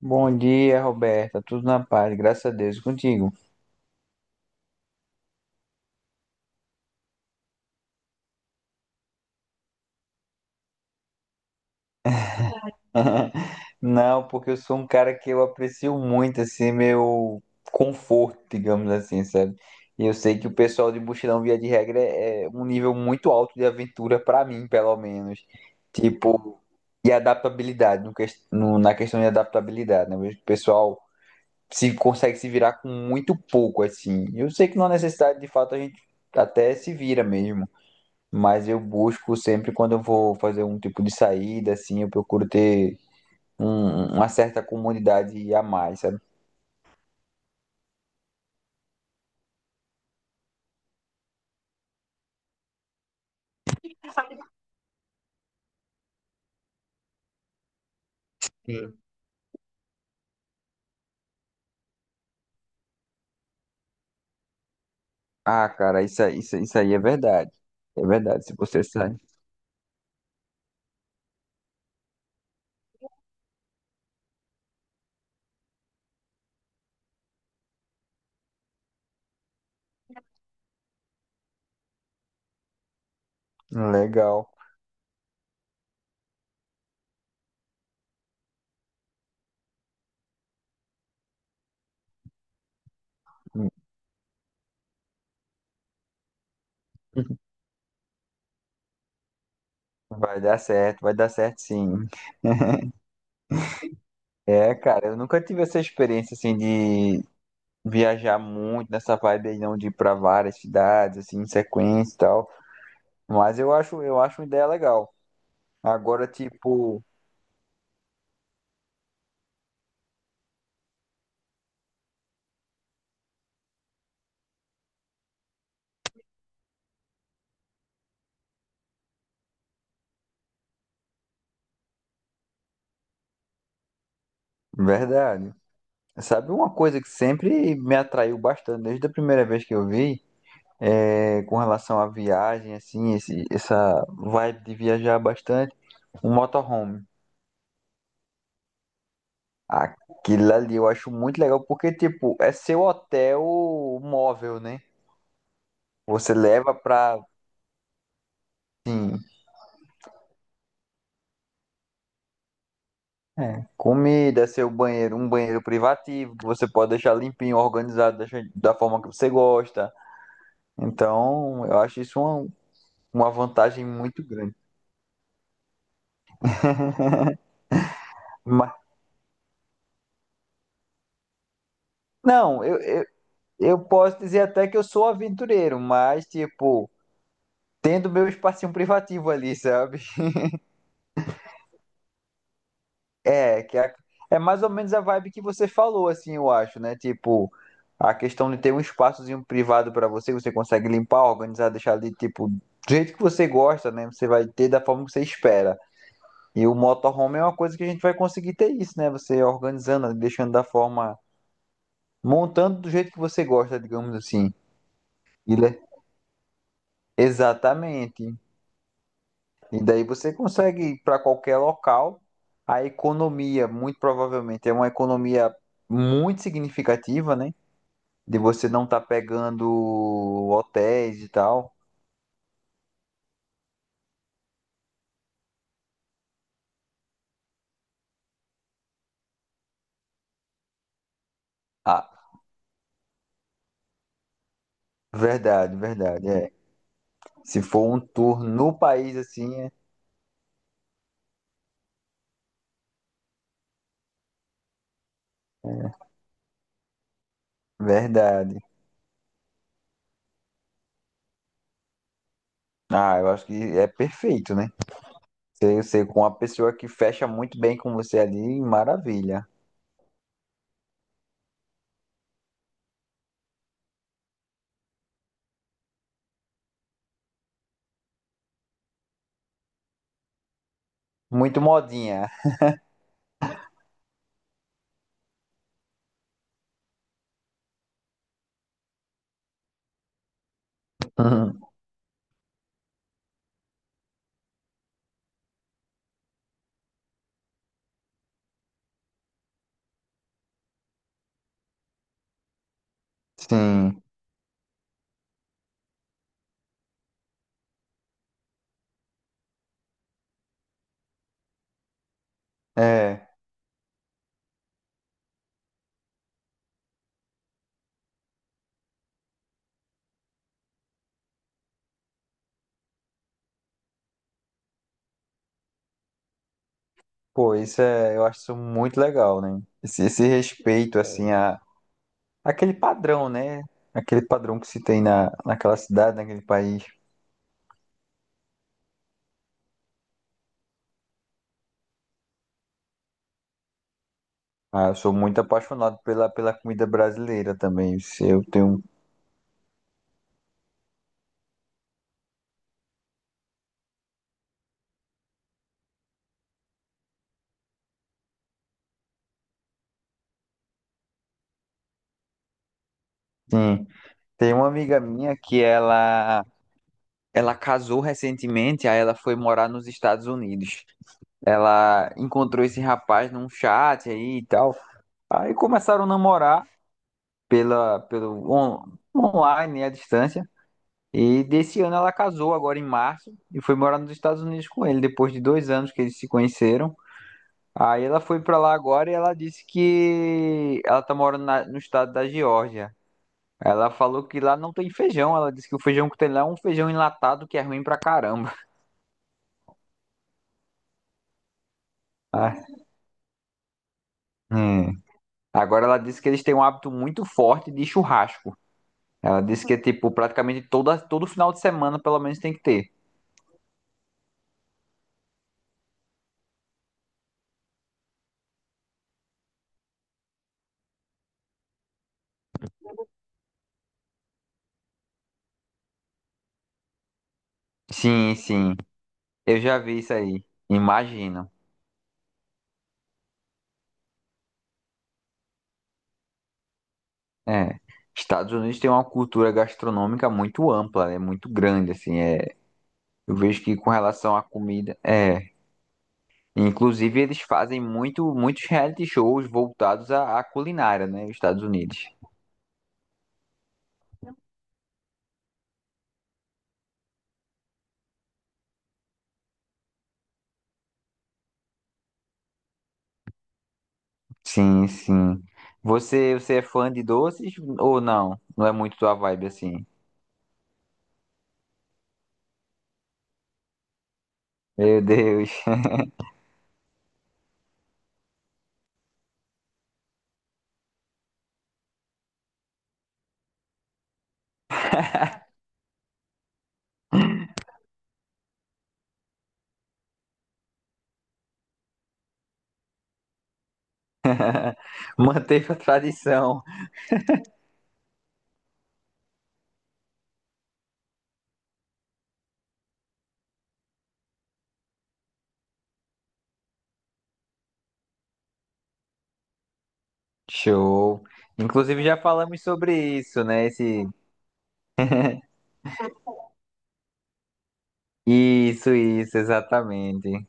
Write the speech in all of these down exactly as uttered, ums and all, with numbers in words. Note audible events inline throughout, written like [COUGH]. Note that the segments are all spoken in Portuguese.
Bom dia, Roberta. Tudo na paz, graças a Deus. E contigo? [LAUGHS] Não, porque eu sou um cara que eu aprecio muito, assim, meu conforto, digamos assim, sabe? E eu sei que o pessoal de mochilão, via de regra, é é um nível muito alto de aventura pra mim, pelo menos. Tipo, e adaptabilidade, no ques- no- na questão de adaptabilidade, né? Eu vejo que o pessoal se consegue se virar com muito pouco, assim. Eu sei que não há necessidade, de fato, a gente até se vira mesmo. Mas eu busco sempre quando eu vou fazer um tipo de saída, assim, eu procuro ter um- uma certa comunidade a mais, sabe? Sim. Ah, cara, isso, aí- isso, isso aí é verdade. É verdade, se você sai. Legal. [LAUGHS] Vai dar certo, vai dar certo sim. [LAUGHS] É, cara, eu nunca tive essa experiência, assim, de viajar muito nessa vibe aí, não, de ir pra várias cidades, assim, em sequência e tal. Mas eu acho, eu acho uma ideia legal. Agora, tipo, verdade. Sabe uma coisa que sempre me atraiu bastante, desde a primeira vez que eu vi, é, com relação à viagem, assim, esse, essa vibe de viajar bastante, um motorhome. Aquilo ali eu acho muito legal, porque, tipo, é seu hotel móvel, né? Você leva pra, assim, é, comida, seu banheiro, um banheiro privativo, que você pode deixar limpinho, organizado, deixar da forma que você gosta. Então, eu acho isso uma, uma vantagem muito grande. Mas, não, eu, eu Eu posso dizer até que eu sou aventureiro, mas, tipo, tendo meu espacinho privativo ali, sabe? É, que é, é mais ou menos a vibe que você falou, assim, eu acho, né? Tipo, a questão de ter um espaçozinho privado pra você, você consegue limpar, organizar, deixar ali, tipo, do jeito que você gosta, né? Você vai ter da forma que você espera. E o motorhome é uma coisa que a gente vai conseguir ter isso, né? Você organizando, deixando da forma, montando do jeito que você gosta, digamos assim. Ele é- Exatamente. E daí você consegue ir para qualquer local. A economia, muito provavelmente, é uma economia muito significativa, né? De você não estar pegando hotéis e tal. Ah, verdade, verdade. É. Se for um tour no país assim, é verdade. Ah, eu acho que é perfeito, né? Você, você com uma pessoa que fecha muito bem com você ali, maravilha. Muito modinha. [LAUGHS] Sim, é. Pô, isso é, eu acho isso muito legal, né? Esse, esse respeito. É, assim, a, aquele padrão, né? Aquele padrão que se tem na, naquela cidade, naquele país. Ah, eu sou muito apaixonado pela, pela comida brasileira também. Se Eu tenho, sim, tem uma amiga minha que ela, ela casou recentemente, aí ela foi morar nos Estados Unidos. Ela encontrou esse rapaz num chat aí e tal. Aí começaram a namorar pela, pelo on- online, né, à distância. E desse ano ela casou agora em março e foi morar nos Estados Unidos com ele, depois de dois anos que eles se conheceram. Aí ela foi pra lá agora e ela disse que ela tá morando na- no estado da Geórgia. Ela falou que lá não tem feijão. Ela disse que o feijão que tem lá é um feijão enlatado que é ruim pra caramba. [LAUGHS] Ah, hum. Agora ela disse que eles têm um hábito muito forte de churrasco. Ela disse que é tipo praticamente toda, todo final de semana, pelo menos, tem que ter. Sim, sim. Eu já vi isso aí. Imagino. É, Estados Unidos tem uma cultura gastronômica muito ampla, é muito grande, assim, é, eu vejo que com relação à comida, é, inclusive eles fazem muito, muitos reality shows voltados à, à culinária, né, os Estados Unidos. Sim, sim. Você, você é fã de doces ou não? Não é muito tua vibe, assim? Meu Deus, [LAUGHS] manteve a tradição. Show. Inclusive já falamos sobre isso, né, esse... Isso, isso, exatamente.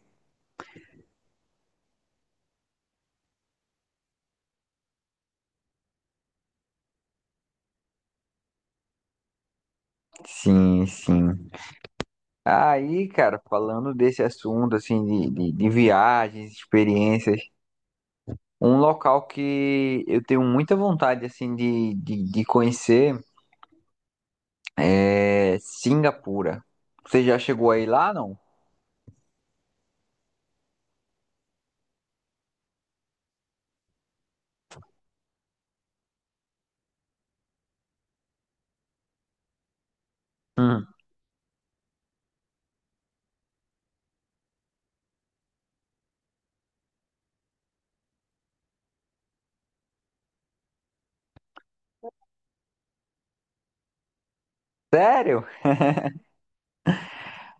Sim, sim. Aí, cara, falando desse assunto, assim, de, de, de viagens, experiências, um local que eu tenho muita vontade, assim, de, de, de conhecer é Singapura. Você já chegou aí lá, não? Hum. Sério?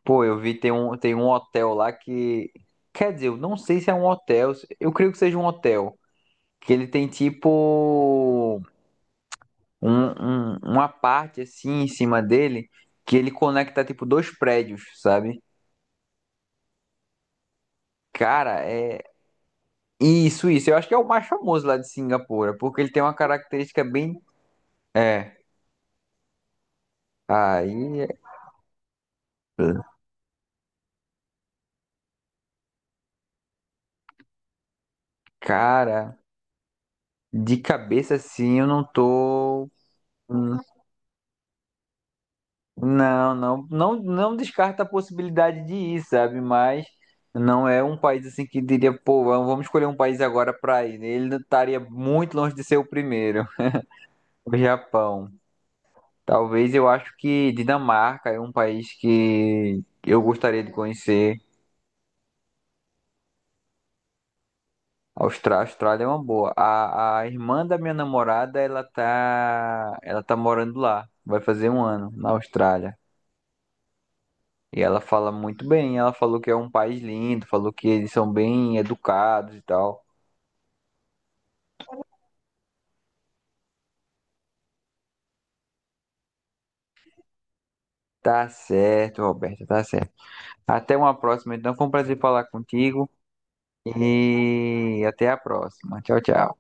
Pô, eu vi tem um, tem um hotel lá que... Quer dizer, eu não sei se é um hotel. Eu creio que seja um hotel. Que ele tem tipo um, um- uma parte assim em cima dele que ele conecta tipo dois prédios, sabe? Cara, é. Isso, isso. Eu acho que é o mais famoso lá de Singapura, porque ele tem uma característica bem... É. Aí, cara, de cabeça assim, eu não tô. Hum, não, não, não, não descarta a possibilidade de ir, sabe? Mas não é um país assim que diria, pô, vamos escolher um país agora pra ir. Ele estaria muito longe de ser o primeiro. O Japão. Talvez eu acho que Dinamarca é um país que eu gostaria de conhecer. A Austra- a Austrália é uma boa. A, a irmã da minha namorada, ela tá, ela tá morando lá. Vai fazer um ano na Austrália. E ela fala muito bem. Ela falou que é um país lindo, falou que eles são bem educados e tal. Tá certo, Roberta, tá certo. Até uma próxima, então. Foi um prazer falar contigo. E até a próxima. Tchau, tchau.